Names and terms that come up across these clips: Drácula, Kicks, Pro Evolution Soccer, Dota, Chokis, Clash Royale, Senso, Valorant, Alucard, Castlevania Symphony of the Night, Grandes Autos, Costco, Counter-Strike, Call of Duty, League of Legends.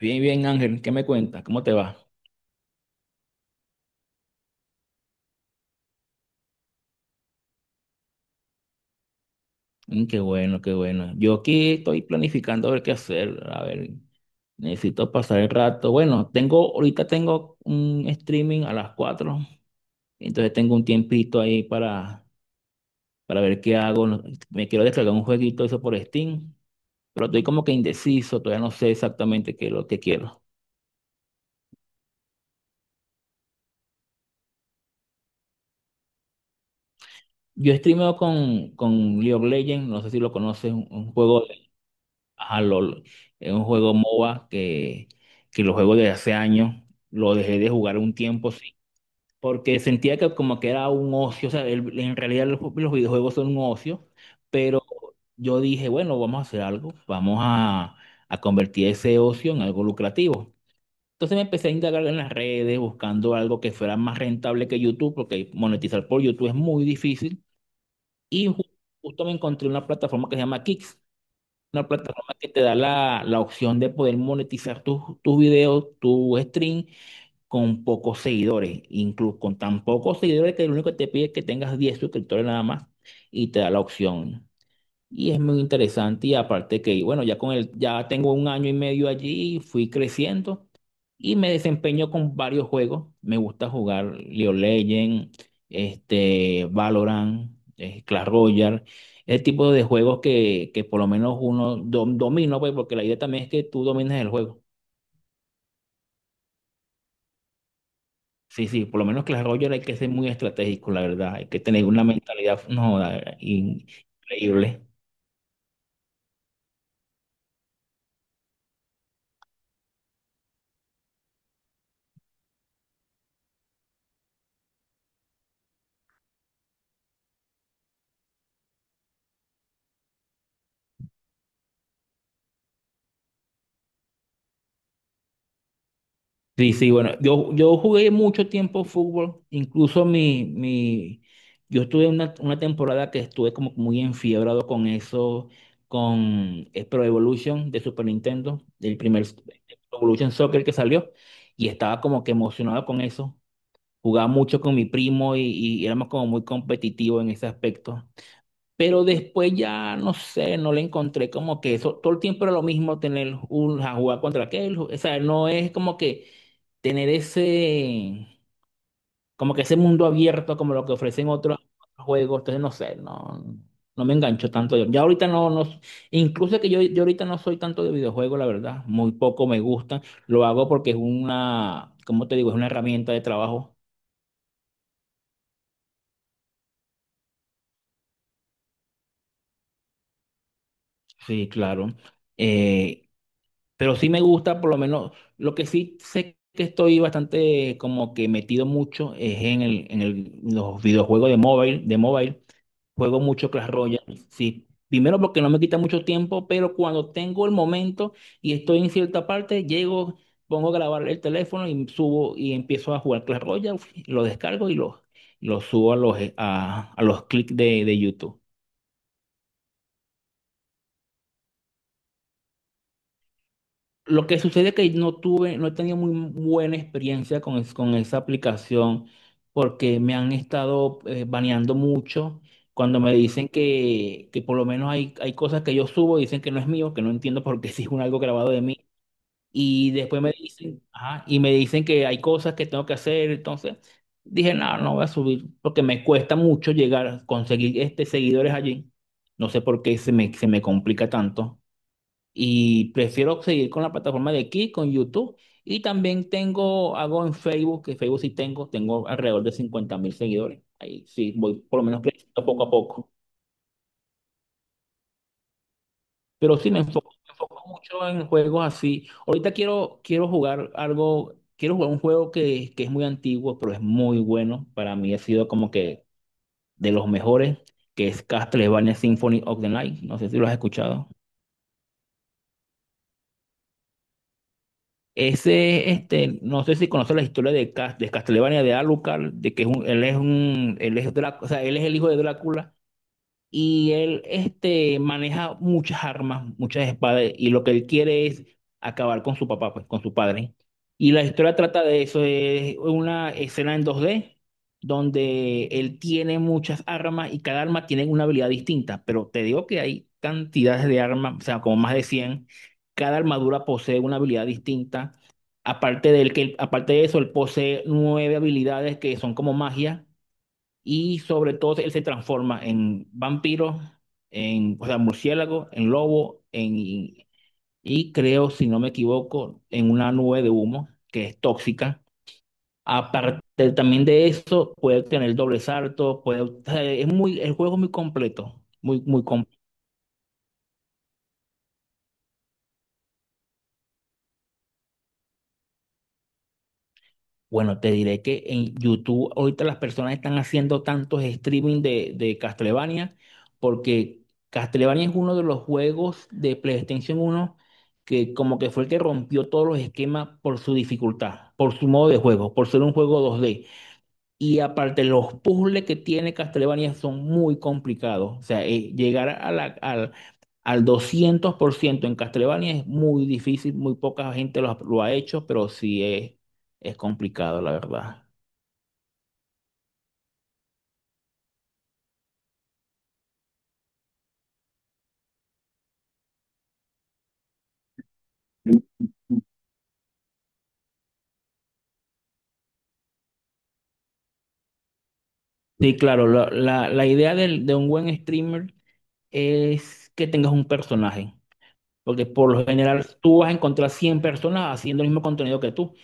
Bien, bien, Ángel, ¿qué me cuentas? ¿Cómo te va? Qué bueno, qué bueno. Yo aquí estoy planificando a ver qué hacer. A ver, necesito pasar el rato. Bueno, ahorita tengo un streaming a las 4, entonces tengo un tiempito ahí para ver qué hago. Me quiero descargar un jueguito eso por Steam, pero estoy como que indeciso, todavía no sé exactamente qué es lo que quiero. Yo streameo con League of Legends, no sé si lo conoces, un juego. Ajá, LOL. Es un juego MOBA que lo juego desde hace años. Lo dejé de jugar un tiempo, sí. Porque sentía que como que era un ocio. O sea, en realidad los videojuegos son un ocio. Pero yo dije, bueno, vamos a hacer algo. A convertir ese ocio en algo lucrativo. Entonces me empecé a indagar en las redes, buscando algo que fuera más rentable que YouTube, porque monetizar por YouTube es muy difícil. Y justo me encontré una plataforma que se llama Kicks, una plataforma que te da la opción de poder monetizar tus videos, tu stream con pocos seguidores, incluso con tan pocos seguidores que lo único que te pide es que tengas 10 suscriptores nada más y te da la opción. Y es muy interesante y aparte que, bueno, ya tengo un año y medio allí, fui creciendo y me desempeño con varios juegos. Me gusta jugar League of Legends, este, Valorant, Clash Royale, el tipo de juegos que por lo menos domina, pues, porque la idea también es que tú domines el juego. Sí, sí, por lo menos Clash Royale hay que ser muy estratégico, la verdad. Hay que tener una mentalidad, no, increíble. Sí, sí, bueno, yo jugué mucho tiempo fútbol, incluso yo estuve una temporada que estuve como muy enfiebrado con eso, con Pro Evolution de Super Nintendo, Pro Evolution Soccer que salió, y estaba como que emocionado con eso, jugaba mucho con mi primo y éramos como muy competitivos en ese aspecto. Pero después ya, no sé, no le encontré como que eso, todo el tiempo era lo mismo tener a jugar contra aquel, o sea, no es como que tener ese, como que ese mundo abierto como lo que ofrecen otros juegos, entonces no sé, no, no me engancho tanto yo. Ya ahorita no, no, incluso que yo ahorita no soy tanto de videojuegos, la verdad, muy poco me gustan, lo hago porque es una, ¿como te digo? Es una herramienta de trabajo, sí, claro. Eh, Pero sí me gusta, por lo menos, lo que sí sé que estoy bastante como que metido mucho es en los videojuegos de móvil, de mobile. Juego mucho Clash Royale, sí. Primero porque no me quita mucho tiempo, pero cuando tengo el momento y estoy en cierta parte, llego, pongo a grabar el teléfono y subo y empiezo a jugar Clash Royale, lo descargo y lo subo a a los clics de YouTube. Lo que sucede es que no tuve, no he tenido muy buena experiencia con esa aplicación porque me han estado baneando mucho cuando me dicen que por lo menos hay cosas que yo subo, dicen que no es mío, que no entiendo por qué si es un algo grabado de mí. Y después me dicen, ajá, y me dicen que hay cosas que tengo que hacer. Entonces dije, no, no voy a subir porque me cuesta mucho llegar a conseguir este, seguidores allí. No sé por qué se me complica tanto. Y prefiero seguir con la plataforma de aquí, con YouTube. Y también hago en Facebook, que Facebook sí tengo alrededor de 50.000 seguidores. Ahí sí, voy por lo menos creciendo poco a poco. Pero sí me enfoco mucho en juegos así. Ahorita quiero, quiero jugar algo, quiero jugar un juego que es muy antiguo, pero es muy bueno. Para mí ha sido como que de los mejores, que es Castlevania Symphony of the Night. No sé si lo has escuchado. Ese, no sé si conoces la historia de Castlevania de Alucard, de que es un, él es un, él es o sea, él es el hijo de Drácula y él maneja muchas armas, muchas espadas, y lo que él quiere es acabar con su papá, pues, con su padre. Y la historia trata de eso, es una escena en 2D donde él tiene muchas armas y cada arma tiene una habilidad distinta, pero te digo que hay cantidades de armas, o sea, como más de 100. Cada armadura posee una habilidad distinta. Aparte de eso, él posee nueve habilidades que son como magia, y sobre todo él se transforma en vampiro, o sea, murciélago, en lobo, y creo, si no me equivoco, en una nube de humo que es tóxica. Aparte también de eso, puede tener doble salto, puede, o sea, el juego es muy completo, muy, muy completo. Bueno, te diré que en YouTube ahorita las personas están haciendo tantos streaming de Castlevania, porque Castlevania es uno de los juegos de PlayStation 1 que como que fue el que rompió todos los esquemas por su dificultad, por su modo de juego, por ser un juego 2D, y aparte, los puzzles que tiene Castlevania son muy complicados. O sea, llegar a al 200% en Castlevania es muy difícil, muy poca gente lo ha hecho, pero sí es complicado, la verdad. Sí, claro, la idea de un buen streamer es que tengas un personaje. Porque por lo general tú vas a encontrar 100 personas haciendo el mismo contenido que tú.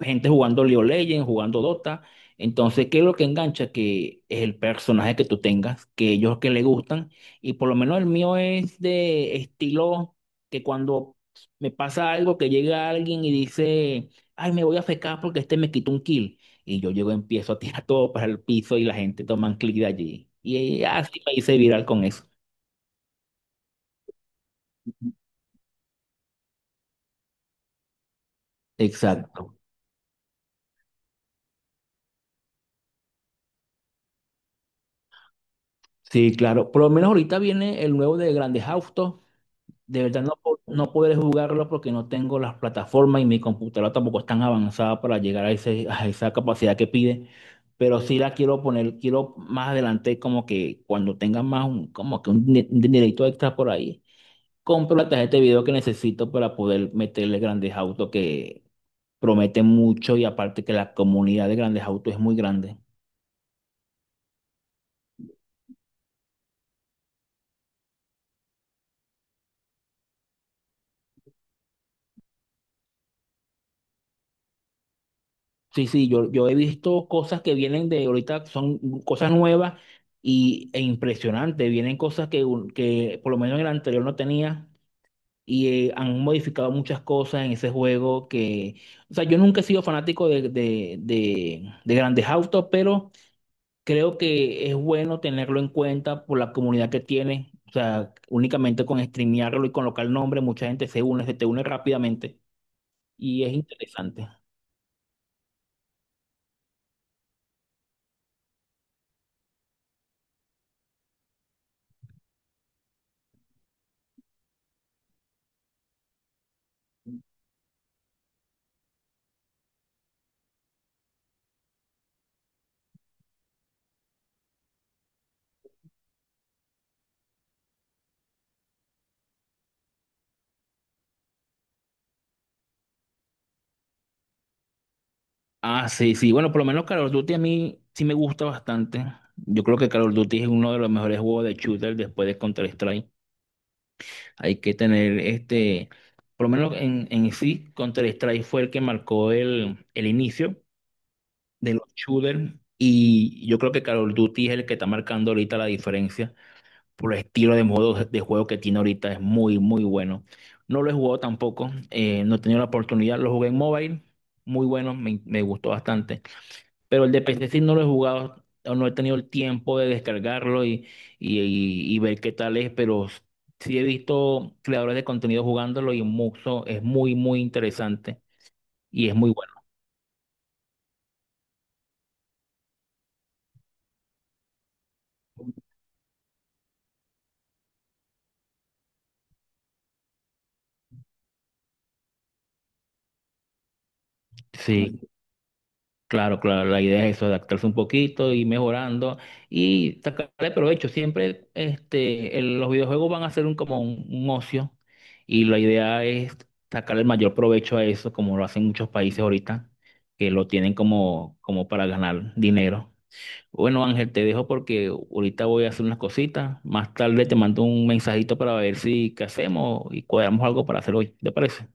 Gente jugando League of Legends, jugando Dota. Entonces, ¿qué es lo que engancha? Que es el personaje que tú tengas, que ellos que le gustan. Y por lo menos el mío es de estilo que cuando me pasa algo, que llega alguien y dice, ay, me voy a fecar porque este me quitó un kill. Y yo llego, empiezo a tirar todo para el piso y la gente toma un clic de allí. Y así me hice viral con eso. Exacto. Sí, claro. Por lo menos ahorita viene el nuevo de Grandes Autos. De verdad no, no podré jugarlo porque no tengo las plataformas y mi computadora tampoco es tan avanzada para llegar a, ese, a esa capacidad que pide. Pero sí la quiero poner, quiero más adelante como que cuando tenga más un, como que un dinerito extra por ahí, compro la tarjeta de video que necesito para poder meterle Grandes Autos, que promete mucho y aparte que la comunidad de Grandes Autos es muy grande. Sí, sí, yo he visto cosas que vienen de ahorita, son cosas nuevas e impresionantes. Vienen cosas que, que por lo menos en el anterior no tenía, y han modificado muchas cosas en ese juego que, o sea, yo nunca he sido fanático de grandes autos, pero creo que es bueno tenerlo en cuenta por la comunidad que tiene. O sea, únicamente con streamearlo y colocar el nombre, mucha gente se une, se te une rápidamente, y es interesante. Ah, sí, sí. Bueno, por lo menos Call of Duty a mí sí me gusta bastante. Yo creo que Call of Duty es uno de los mejores juegos de shooter después de Counter-Strike. Hay que tener este, por lo menos en sí, Counter-Strike fue el que marcó el inicio de los shooters. Y yo creo que Call of Duty es el que está marcando ahorita la diferencia por el estilo de modo de juego que tiene ahorita. Es muy, muy bueno. No lo he jugado tampoco, no he tenido la oportunidad. Lo jugué en mobile, muy bueno, me gustó bastante, pero el de PC sí no lo he jugado, o no he tenido el tiempo de descargarlo y ver qué tal es, pero sí he visto creadores de contenido jugándolo y mucho, es muy, muy interesante y es muy bueno. Sí, claro, claro, la idea es eso, adaptarse un poquito, ir mejorando y sacarle provecho. Siempre los videojuegos van a ser un ocio, y la idea es sacarle el mayor provecho a eso, como lo hacen muchos países ahorita que lo tienen como, como para ganar dinero. Bueno, Ángel, te dejo porque ahorita voy a hacer unas cositas. Más tarde te mando un mensajito para ver si qué hacemos y cuadramos algo para hacer hoy. ¿Te parece?